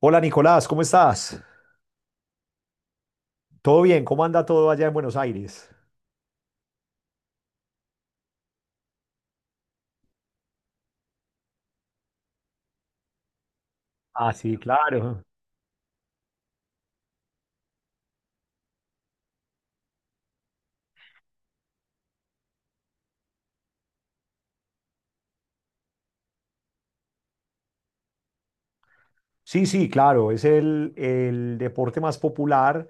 Hola Nicolás, ¿cómo estás? ¿Todo bien? ¿Cómo anda todo allá en Buenos Aires? Ah, sí, claro. Sí, sí, claro, es el deporte más popular,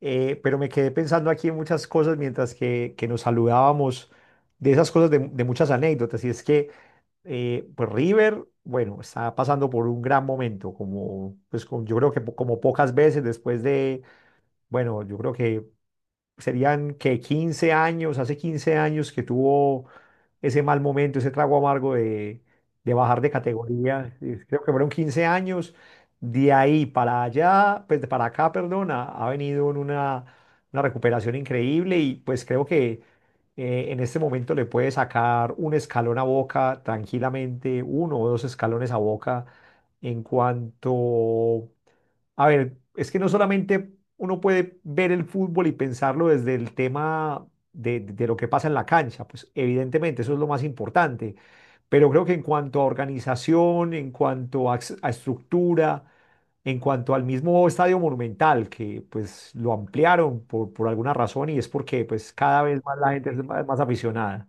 pero me quedé pensando aquí en muchas cosas mientras que nos saludábamos de esas cosas, de muchas anécdotas, y es que pues River, bueno, está pasando por un gran momento, como, pues, yo creo que como pocas veces después de, bueno, yo creo que serían que 15 años, hace 15 años que tuvo ese mal momento, ese trago amargo de bajar de categoría. Creo que fueron 15 años. De ahí para allá, pues de para acá, perdón, ha venido en una recuperación increíble y pues creo que en este momento le puede sacar un escalón a Boca tranquilamente, uno o dos escalones a Boca en cuanto a ver, es que no solamente uno puede ver el fútbol y pensarlo desde el tema de lo que pasa en la cancha, pues evidentemente eso es lo más importante, pero creo que en cuanto a organización, en cuanto a, a estructura, en cuanto al mismo estadio Monumental, que pues lo ampliaron por alguna razón y es porque pues cada vez más la gente es más aficionada.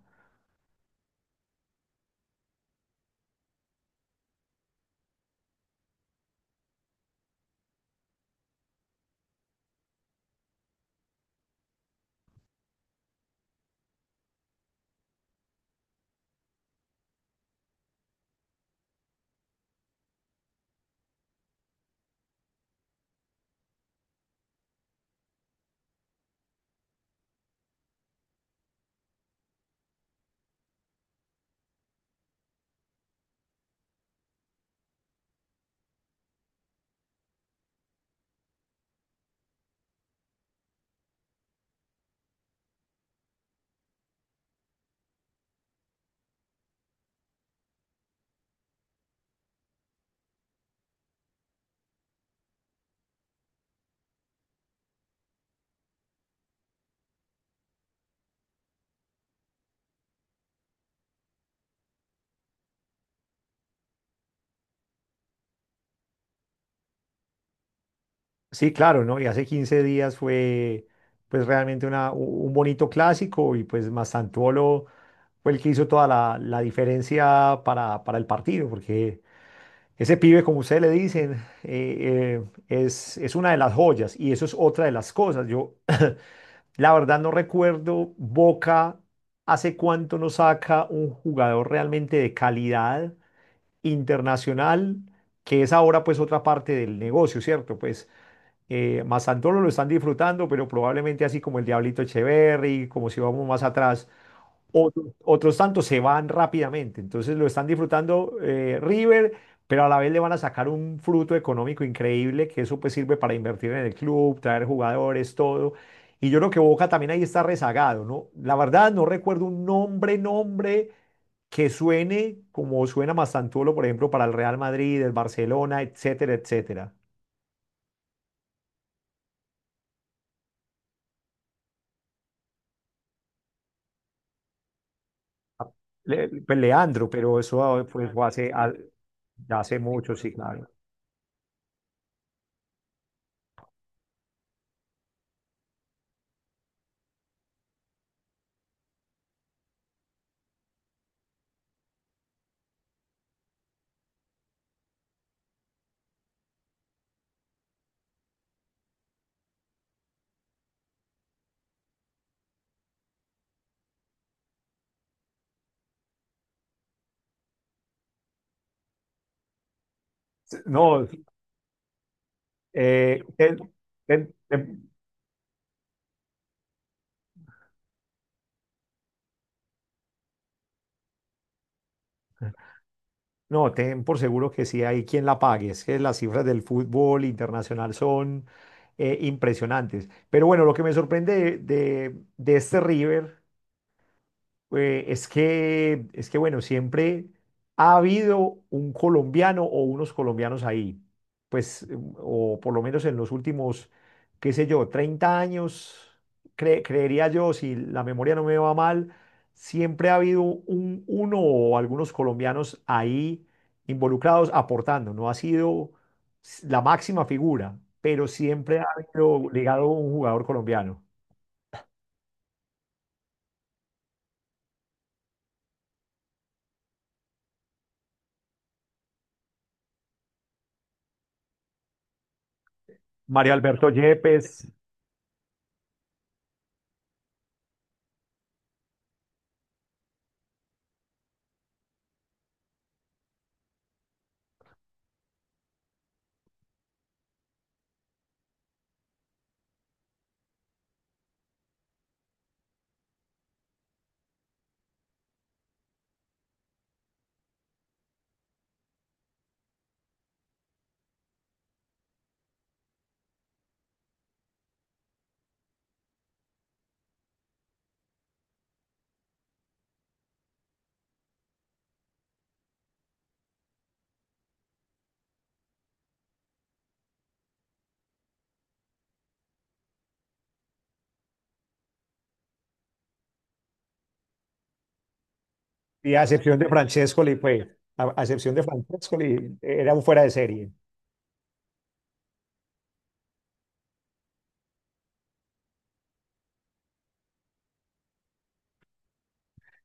Sí, claro, ¿no? Y hace 15 días fue pues realmente un bonito clásico y pues Mastantuono fue el que hizo toda la diferencia para el partido, porque ese pibe, como ustedes le dicen, eh, eh, es una de las joyas y eso es otra de las cosas. Yo la verdad no recuerdo Boca hace cuánto no saca un jugador realmente de calidad internacional, que es ahora pues otra parte del negocio, ¿cierto? Pues Mazandolo lo están disfrutando, pero probablemente así como el Diablito Echeverry, como si vamos más atrás, otros tantos se van rápidamente. Entonces lo están disfrutando River, pero a la vez le van a sacar un fruto económico increíble, que eso pues sirve para invertir en el club, traer jugadores, todo. Y yo creo que Boca también ahí está rezagado, ¿no? La verdad no recuerdo un nombre que suene como suena Mazandolo, por ejemplo, para el Real Madrid, el Barcelona, etcétera, etcétera. Pues, Leandro, pero eso ah, pues, ya hace mucho, sí, claro. No, eh, ten- ten- ten- no, ten por seguro que sí hay quien la pague. Es que las cifras del fútbol internacional son impresionantes. Pero bueno, lo que me sorprende de, de este River. Es que, bueno, siempre ha habido un colombiano o unos colombianos ahí, pues, o por lo menos en los últimos, qué sé yo, 30 años, creería yo, si la memoria no me va mal, siempre ha habido uno o algunos colombianos ahí involucrados aportando, no ha sido la máxima figura, pero siempre ha habido ligado un jugador colombiano. Mario Alberto Yepes. Y a excepción de Francescoli, pues, a excepción de Francescoli, era un fuera de serie.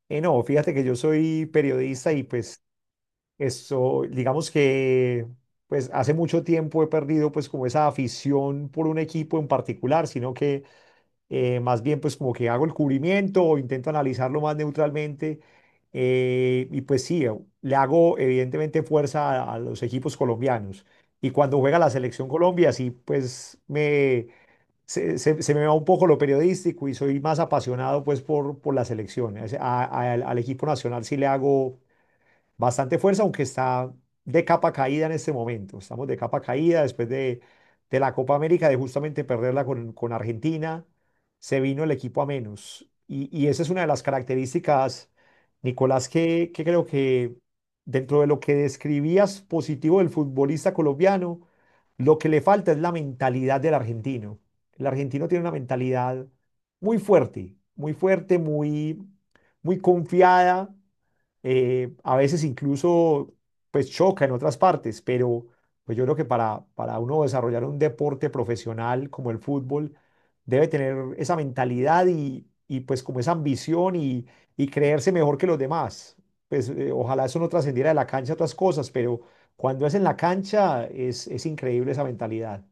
Y no, fíjate que yo soy periodista y pues eso, digamos que pues hace mucho tiempo he perdido pues como esa afición por un equipo en particular, sino que más bien pues como que hago el cubrimiento o intento analizarlo más neutralmente. Y pues sí, le hago evidentemente fuerza a los equipos colombianos. Y cuando juega la selección Colombia, sí, pues se me va un poco lo periodístico y soy más apasionado pues por la selección. Al equipo nacional sí le hago bastante fuerza, aunque está de capa caída en este momento. Estamos de capa caída después de la Copa América, de justamente perderla con Argentina. Se vino el equipo a menos. Y esa es una de las características, Nicolás, que creo que dentro de lo que describías positivo del futbolista colombiano, lo que le falta es la mentalidad del argentino. El argentino tiene una mentalidad muy fuerte, muy fuerte, muy, muy confiada, a veces incluso pues choca en otras partes, pero pues yo creo que para uno desarrollar un deporte profesional como el fútbol, debe tener esa mentalidad y pues como esa ambición y creerse mejor que los demás. Pues ojalá eso no trascendiera de la cancha a otras cosas, pero cuando es en la cancha es increíble esa mentalidad.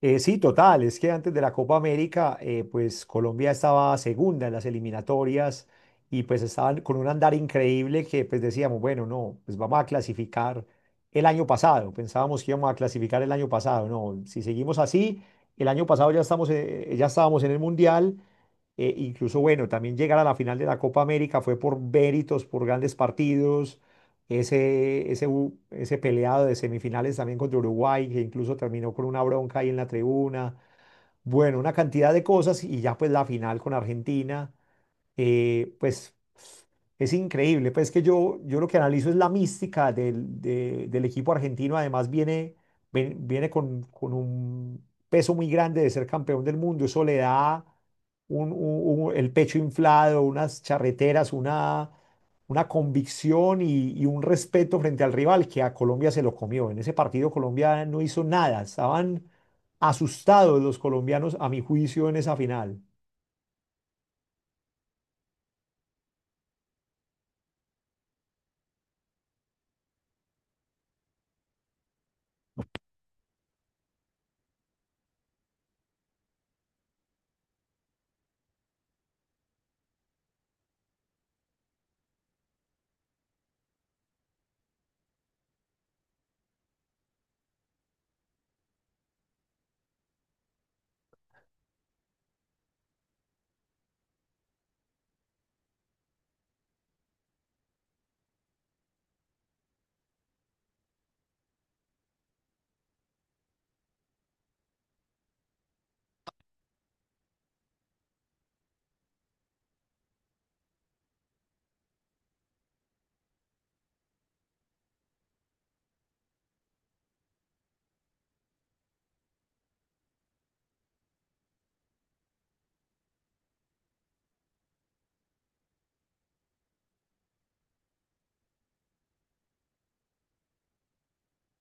Sí, total. Es que antes de la Copa América, pues Colombia estaba segunda en las eliminatorias y pues estaban con un andar increíble que pues decíamos, bueno, no, pues vamos a clasificar el año pasado. Pensábamos que íbamos a clasificar el año pasado. No, si seguimos así, el año pasado ya estamos, ya estábamos en el Mundial, incluso, bueno, también llegar a la final de la Copa América fue por méritos, por grandes partidos. Ese peleado de semifinales también contra Uruguay, que incluso terminó con una bronca ahí en la tribuna. Bueno, una cantidad de cosas y ya pues la final con Argentina pues es increíble. Pues que yo lo que analizo es la mística del equipo argentino. Además viene con un peso muy grande de ser campeón del mundo. Eso le da el pecho inflado, unas charreteras, una convicción y un respeto frente al rival que a Colombia se lo comió. En ese partido Colombia no hizo nada. Estaban asustados los colombianos, a mi juicio, en esa final.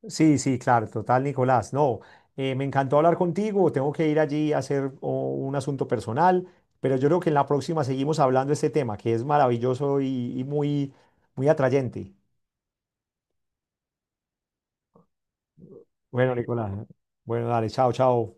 Sí, sí, claro, total, Nicolás. No, me encantó hablar contigo. Tengo que ir allí a hacer un asunto personal, pero yo creo que en la próxima seguimos hablando de este tema, que es maravilloso y muy, muy atrayente. Bueno, Nicolás. Bueno, dale, chao, chao.